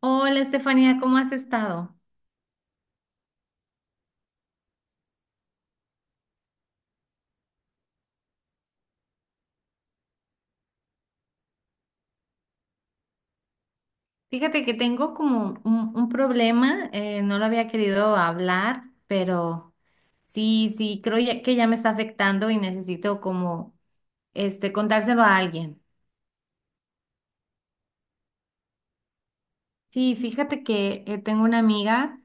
Hola Estefanía, ¿cómo has estado? Fíjate que tengo como un problema, no lo había querido hablar, pero sí, creo que ya me está afectando y necesito como este contárselo a alguien. Sí, fíjate que tengo una amiga,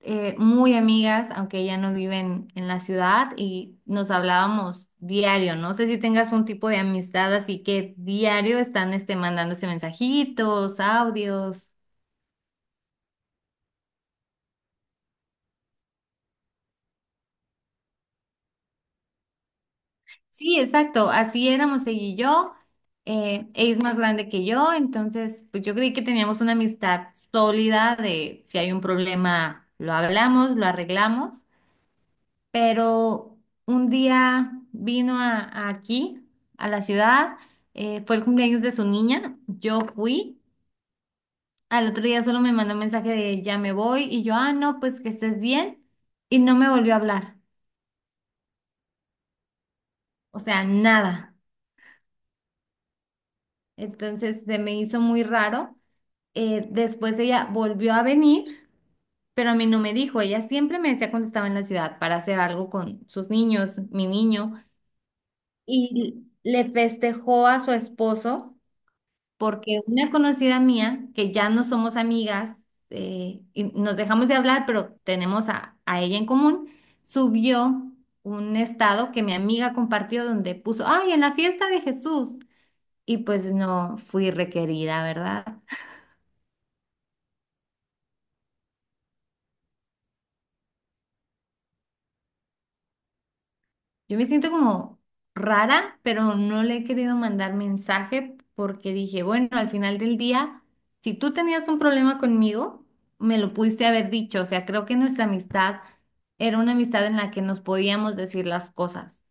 muy amigas, aunque ella no vive en la ciudad y nos hablábamos diario. No sé si tengas un tipo de amistad, así que diario están este, mandándose mensajitos, audios. Sí, exacto, así éramos ella y yo. Ella es más grande que yo, entonces pues yo creí que teníamos una amistad sólida de si hay un problema lo hablamos, lo arreglamos, pero un día vino a aquí, a la ciudad, fue el cumpleaños de su niña, yo fui, al otro día solo me mandó un mensaje de ya me voy y yo, ah, no, pues que estés bien y no me volvió a hablar, o sea, nada. Entonces se me hizo muy raro. Después ella volvió a venir, pero a mí no me dijo. Ella siempre me decía cuando estaba en la ciudad para hacer algo con sus niños, mi niño, y le festejó a su esposo porque una conocida mía, que ya no somos amigas, y nos dejamos de hablar, pero tenemos a ella en común, subió un estado que mi amiga compartió donde puso, ay, en la fiesta de Jesús. Y pues no fui requerida, ¿verdad? Yo me siento como rara, pero no le he querido mandar mensaje porque dije, bueno, al final del día, si tú tenías un problema conmigo, me lo pudiste haber dicho. O sea, creo que nuestra amistad era una amistad en la que nos podíamos decir las cosas.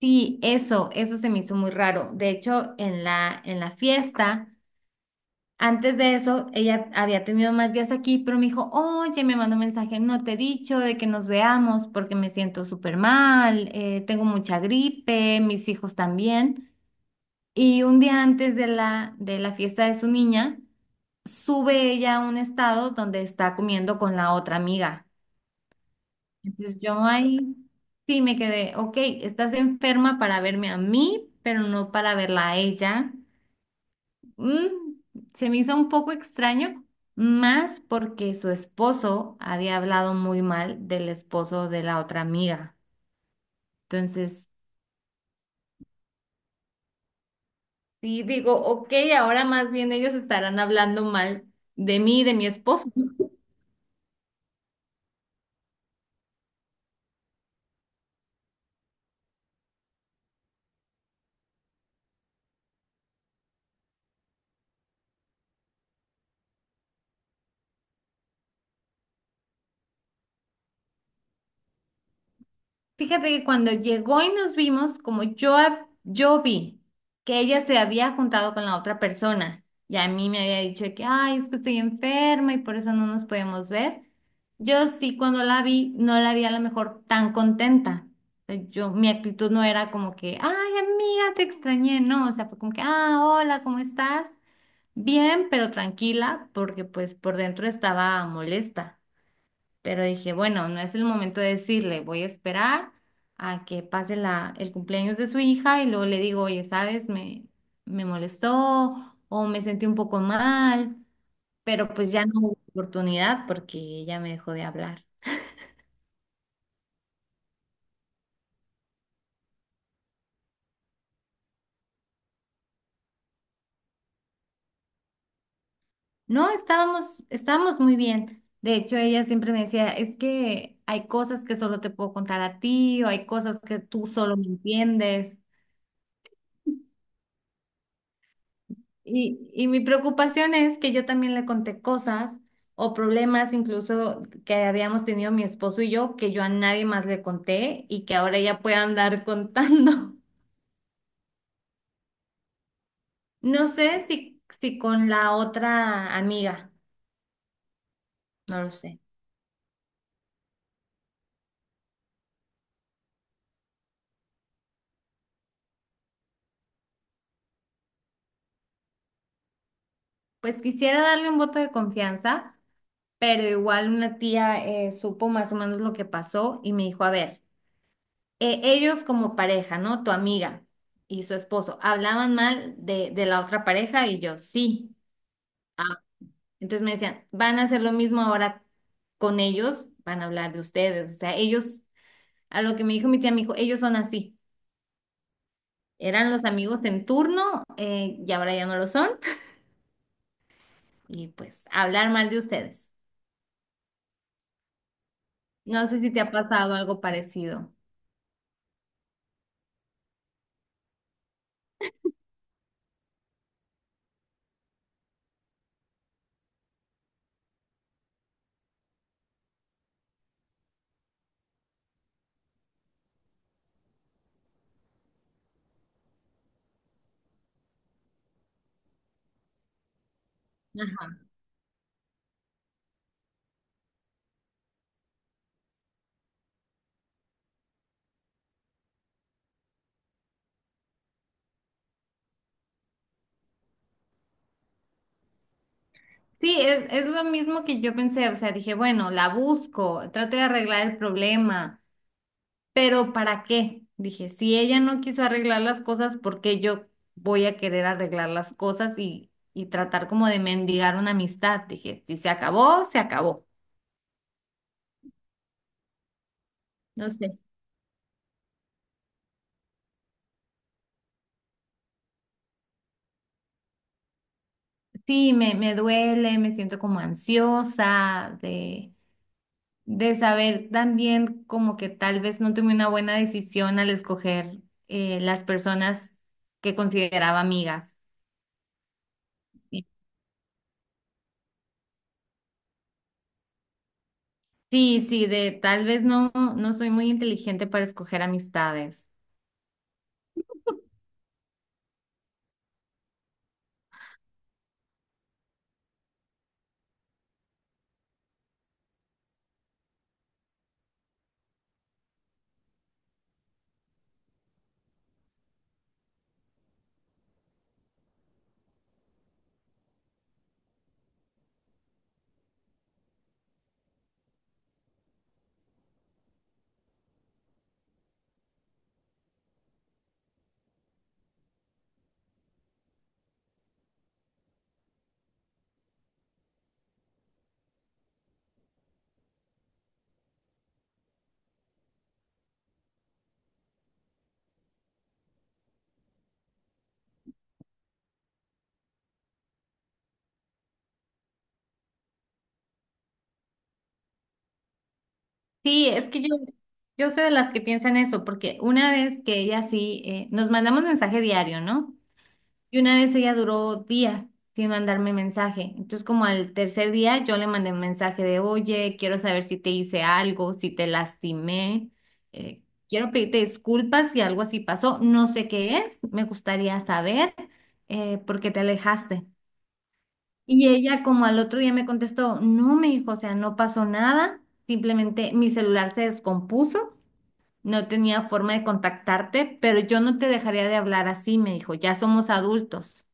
Sí, eso se me hizo muy raro. De hecho, en la fiesta. Antes de eso, ella había tenido más días aquí, pero me dijo, oye, me mandó un mensaje, no te he dicho de que nos veamos porque me siento súper mal, tengo mucha gripe, mis hijos también. Y un día antes de la fiesta de su niña, sube ella a un estado donde está comiendo con la otra amiga. Entonces yo ahí sí me quedé, ok, estás enferma para verme a mí, pero no para verla a ella. Mm, Se me hizo un poco extraño, más porque su esposo había hablado muy mal del esposo de la otra amiga. Entonces, sí digo, ok, ahora más bien ellos estarán hablando mal de mí y de mi esposo. Fíjate que cuando llegó y nos vimos, como yo, yo vi que ella se había juntado con la otra persona y a mí me había dicho de que, ay, es que estoy enferma y por eso no nos podemos ver, yo sí cuando la vi no la vi a lo mejor tan contenta. Yo, mi actitud no era como que, ay, amiga, te extrañé, no, o sea, fue como que, ah, hola, ¿cómo estás? Bien, pero tranquila, porque pues por dentro estaba molesta. Pero dije, bueno, no es el momento de decirle, voy a esperar a que pase el cumpleaños de su hija y luego le digo, oye, ¿sabes? Me molestó o me sentí un poco mal, pero pues ya no hubo oportunidad porque ella me dejó de hablar. No, estábamos muy bien. De hecho, ella siempre me decía, es que hay cosas que solo te puedo contar a ti o hay cosas que tú solo me entiendes. Y mi preocupación es que yo también le conté cosas o problemas incluso que habíamos tenido mi esposo y yo, que yo a nadie más le conté y que ahora ella pueda andar contando. No sé si con la otra amiga, no lo sé. Pues quisiera darle un voto de confianza, pero igual una tía supo más o menos lo que pasó y me dijo, a ver, ellos como pareja, ¿no? Tu amiga y su esposo, hablaban mal de la otra pareja y yo, sí. Entonces me decían, van a hacer lo mismo ahora con ellos, van a hablar de ustedes. O sea, ellos, a lo que me dijo mi tía, me dijo, ellos son así. Eran los amigos en turno y ahora ya no lo son. Y pues, hablar mal de ustedes. No sé si te ha pasado algo parecido. Ajá. Sí, es lo mismo que yo pensé. O sea, dije, bueno, la busco, trato de arreglar el problema. Pero ¿para qué? Dije, si ella no quiso arreglar las cosas, ¿por qué yo voy a querer arreglar las cosas y tratar como de mendigar una amistad? Dije, si se acabó, se acabó. No sé. Sí, me duele, me siento como ansiosa de saber también como que tal vez no tomé una buena decisión al escoger las personas que consideraba amigas. Sí, sí, de tal vez no soy muy inteligente para escoger amistades. Sí, es que yo soy de las que piensan eso, porque una vez que ella sí, nos mandamos mensaje diario, ¿no? Y una vez ella duró días sin mandarme mensaje. Entonces, como al tercer día, yo le mandé un mensaje de, oye, quiero saber si te hice algo, si te lastimé, eh, quiero pedirte disculpas si algo así pasó, no sé qué es, me gustaría saber por qué te alejaste. Y ella como al otro día me contestó, no, me dijo, o sea, no pasó nada, simplemente mi celular se descompuso no tenía forma de contactarte, pero yo no te dejaría de hablar así, me dijo. Ya somos adultos.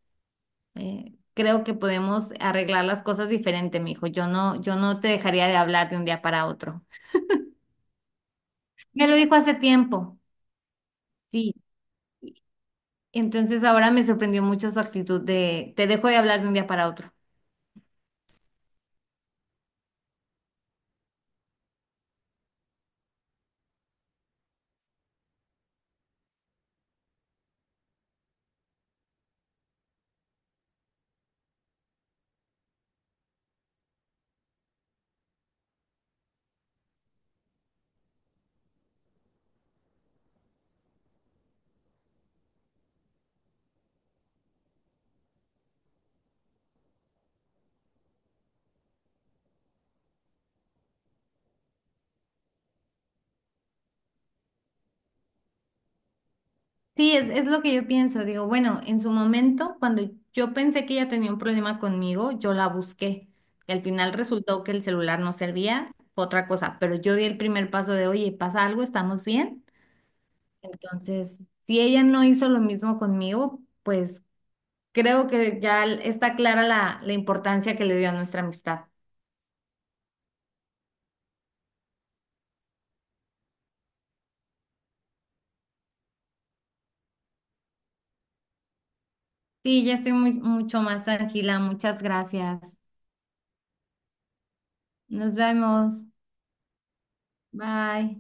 Creo que podemos arreglar las cosas diferente, me dijo. Yo no te dejaría de hablar de un día para otro. Me lo dijo hace tiempo, sí. Entonces ahora me sorprendió mucho su actitud de te dejo de hablar de un día para otro. Sí, es lo que yo pienso. Digo, bueno, en su momento, cuando yo pensé que ella tenía un problema conmigo, yo la busqué. Y al final resultó que el celular no servía, fue otra cosa. Pero yo di el primer paso de, oye, ¿pasa algo? ¿Estamos bien? Entonces, si ella no hizo lo mismo conmigo, pues creo que ya está clara la importancia que le dio a nuestra amistad. Sí, ya estoy mucho más tranquila. Muchas gracias. Nos vemos. Bye.